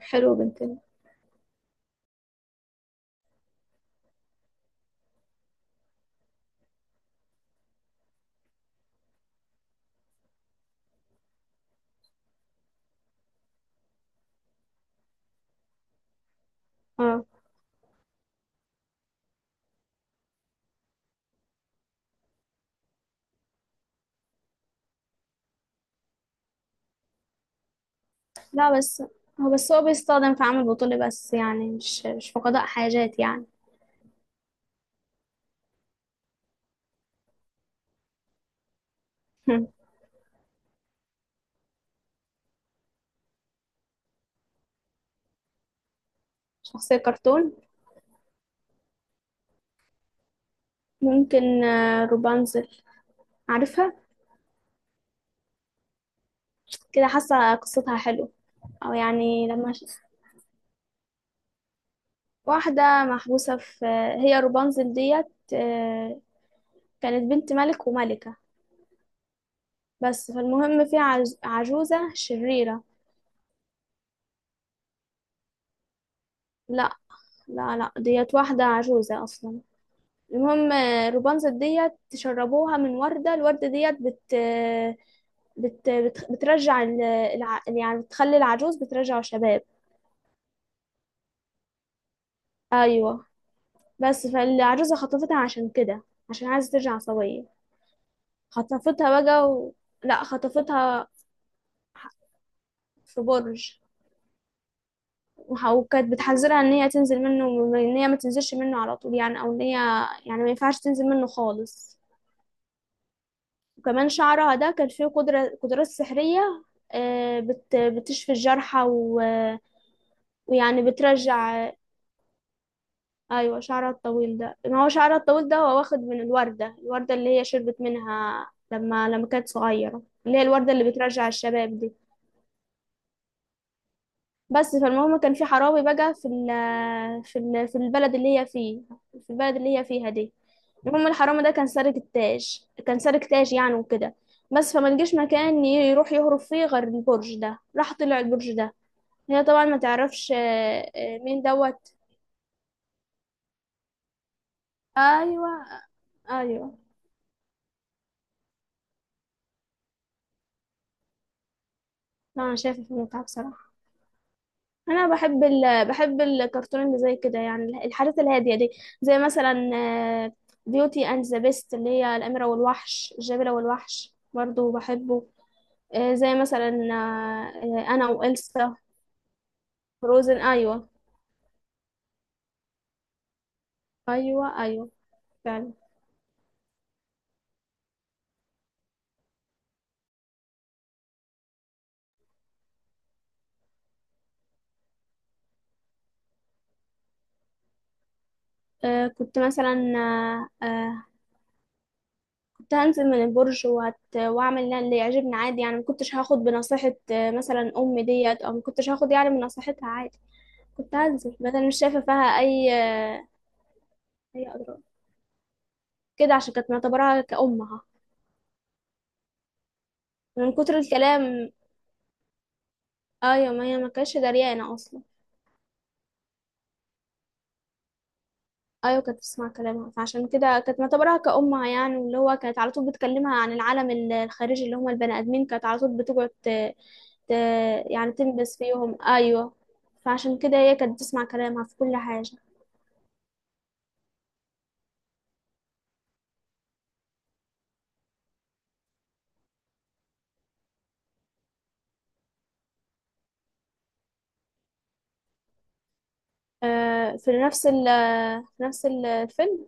حلو بنتنا. اه، لا بس هو بس هو بيستخدم في عمل بطولي بس يعني مش في قضاء حاجات يعني. شخصية كرتون، ممكن روبانزل، عارفها؟ كده حاسة قصتها حلوة، او يعني لما واحدة محبوسة في، هي روبانزل ديت. آه، كانت بنت ملك وملكة. بس فالمهم في عجوزة شريرة. لا لا ديت واحدة عجوزة أصلا. المهم روبانزل ديت تشربوها من وردة، الوردة ديت بترجع يعني بتخلي العجوز بترجع شباب. ايوه، بس فالعجوزة خطفتها عشان كده، عشان عايزة ترجع سوية. خطفتها بقى لا، خطفتها في برج. وكانت بتحذرها ان هي تنزل منه، ان هي ما تنزلش منه على طول يعني، او ان هي يعني ما ينفعش تنزل منه خالص. وكمان شعرها ده كان فيه قدرات سحرية. بتشفي الجرحى ويعني بترجع. أيوة، شعرها الطويل ده، ما هو شعرها الطويل ده هو واخد من الوردة، الوردة اللي هي شربت منها لما كانت صغيرة، اللي هي الوردة اللي بترجع الشباب دي. بس فالمهم كان في حراوي بقى في في البلد اللي هي فيه، في البلد اللي هي فيها دي. المهم الحرامي ده كان سارق التاج، كان سارق تاج يعني وكده. بس فما لقاش مكان يروح يهرب فيه غير البرج ده، راح طلع البرج ده. هي طبعا ما تعرفش مين دوت. ايوه، ايوه، لا انا شايفه في المتعه بصراحه. انا بحب الكرتون اللي زي كده يعني، الحاجات الهاديه دي. زي مثلا بيوتي اند ذا بيست، اللي هي الاميره والوحش، الجبله والوحش برضو بحبه. زي مثلا انا وإلسا، فروزن. ايوه، ايوه، ايوه فعلا. كنت مثلا آه، آه، كنت هنزل من البرج واعمل اللي يعجبني عادي يعني، ما كنتش هاخد بنصيحه مثلا امي ديت، او ما كنتش هاخد يعني من نصيحتها عادي. كنت هنزل، بدل مش شايفه فيها اي اي اضرار كده، عشان كانت معتبراها كأمها من كتر الكلام. ايوه، ما هي ما كانتش دريانة اصلا. ايوه كانت بتسمع كلامها، فعشان كده كانت معتبراها كأمها يعني، واللي هو كانت على طول بتكلمها عن العالم الخارجي، اللي هم البني ادمين، كانت على طول بتقعد ت... يعني تنبس فيهم. ايوه، فعشان كده هي كانت بتسمع كلامها في كل حاجة. آه، في نفس ال في نفس الفيلم.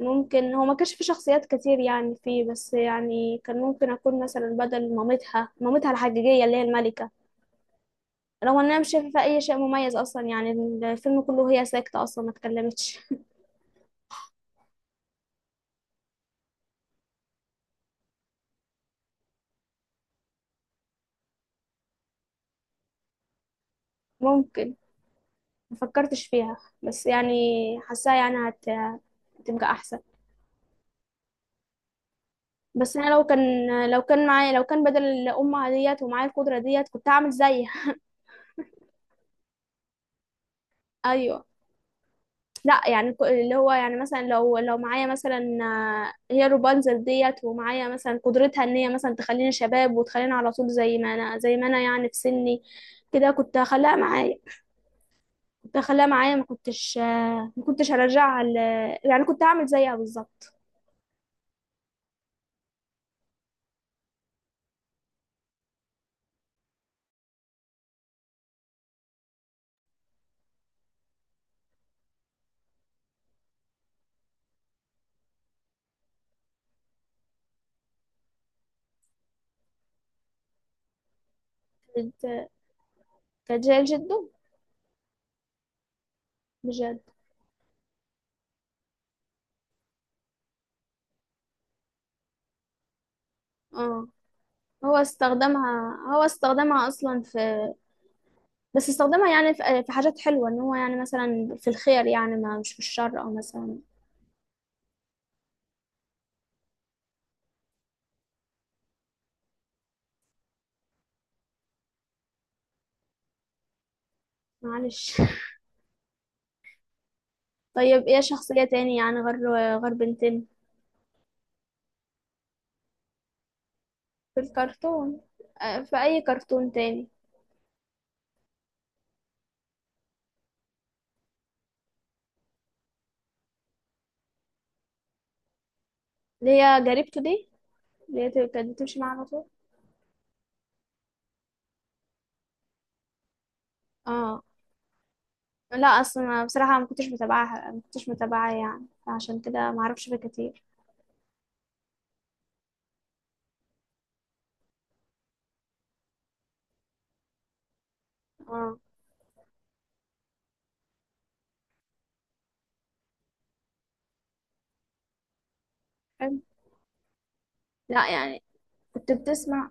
ممكن هو ما كانش في شخصيات كتير يعني فيه، بس يعني كان ممكن أكون مثلا بدل مامتها الحقيقية اللي هي الملكة. رغم ان انا مش شايفه فيها اي شيء مميز اصلا يعني، الفيلم كله هي ساكته اصلا ما اتكلمتش. ممكن، ما فكرتش فيها. بس يعني حاساها يعني هتبقى احسن. بس انا لو كان معايا، لو كان بدل الامه ديت ومعايا القدره ديت، كنت هعمل زيها. ايوه، لا يعني اللي هو يعني مثلا، لو معايا مثلا هي روبانزل ديت، ومعايا مثلا قدرتها ان هي مثلا تخليني شباب وتخليني على طول زي ما انا، زي ما انا يعني في سني كده، كنت هخليها معايا، كنت هخليها معايا. ما كنتش هرجعها. يعني كنت هعمل زيها بالظبط. كانت كانت جاية لجده. بجد؟ اه. هو استخدمها، هو استخدمها اصلا في، بس استخدمها يعني في حاجات حلوة، ان هو يعني مثلا في الخير يعني، ما مش في الشر، او مثلا. معلش. طيب ايه شخصية تاني يعني، غير غير بنتين في الكرتون، في اي كرتون تاني؟ اللي هي جريبته دي، اللي هي كانت بتمشي معاها على طول. اه. لا اصلا أنا بصراحه ما كنتش متابعاها، ما كنتش متابعاها يعني، عشان كده ما اعرفش فيه كتير. اه، حلو. لا يعني كنت بتسمع،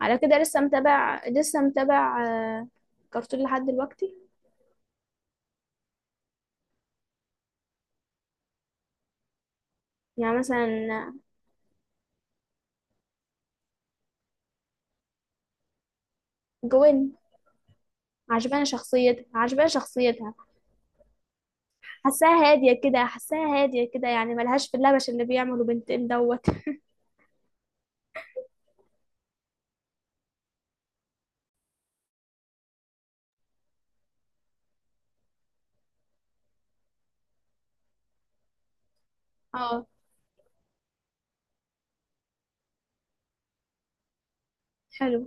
على كده لسه متابع، لسه متابع آه، كرتون لحد دلوقتي. يعني مثلا آه، جوين، عجباني شخصيتها، عجباني شخصيتها. حاساها هاديه كده، حاساها هاديه كده يعني، ملهاش في اللبش اللي بيعمله بنتين دوت. اه، حلو.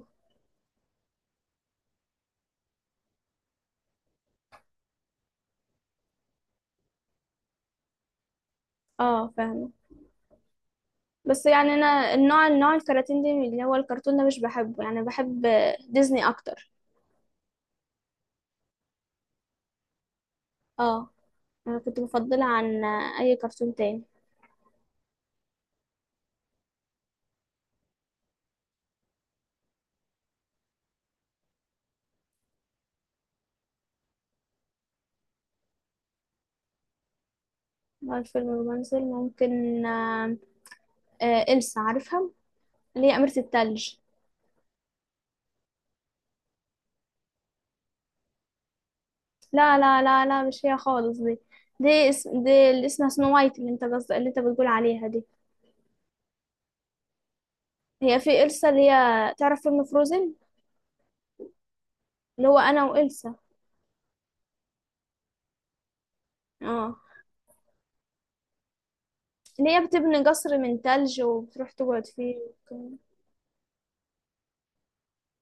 اه فاهمه. بس يعني انا النوع الكراتين دي، اللي هو الكرتون ده مش بحبه يعني، بحب ديزني اكتر. اه، أنا كنت بفضلها عن أي كرتون تاني. بقى الفيلم الرومانسي ممكن إلسا، عارفها؟ اللي هي أميرة التلج. لا لا لا لا، مش هي خالص دي. دي اسم دي اللي اسمها سنو وايت، اللي انت قصد اللي انت بتقول عليها دي. هي في إلسا اللي هي، تعرف فيلم فروزن؟ اللي هو أنا وإلسا. اه، اللي هي بتبني قصر من تلج وبتروح تقعد فيه. وك-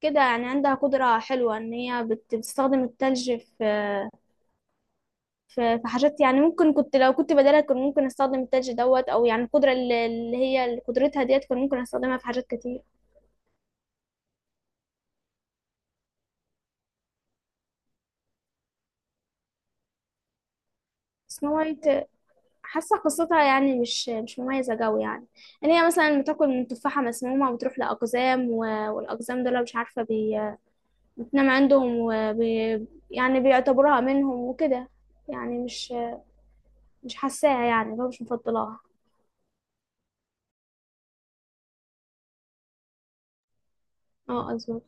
كده يعني عندها قدرة حلوة، إن هي بتستخدم التلج في فحاجات يعني، ممكن كنت، لو كنت بدالها كان ممكن استخدم التاج دوت، او يعني القدره اللي هي اللي قدرتها ديت كان ممكن استخدمها في حاجات كتير. سنو وايت حاسه قصتها يعني مش مميزه قوي يعني، ان هي مثلا بتاكل من تفاحه مسمومه وبتروح لاقزام، والاقزام دول مش عارفه بتنام عندهم يعني بيعتبروها منهم وكده. يعني مش حاساها يعني اللي هو، مش مفضلاها. اه، اظن.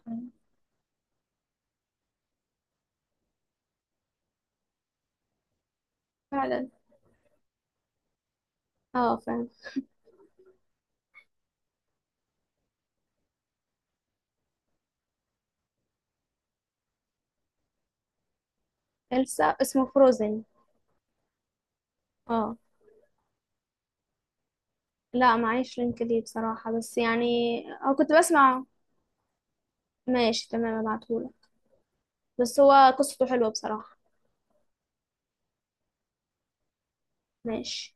فعلا، اه فعلا. السا اسمه فروزن. اه. لا معيش لينك ليه بصراحة، بس يعني أو كنت بسمع. ماشي تمام، ابعتهولك. بس هو قصته حلوة بصراحة. ماشي.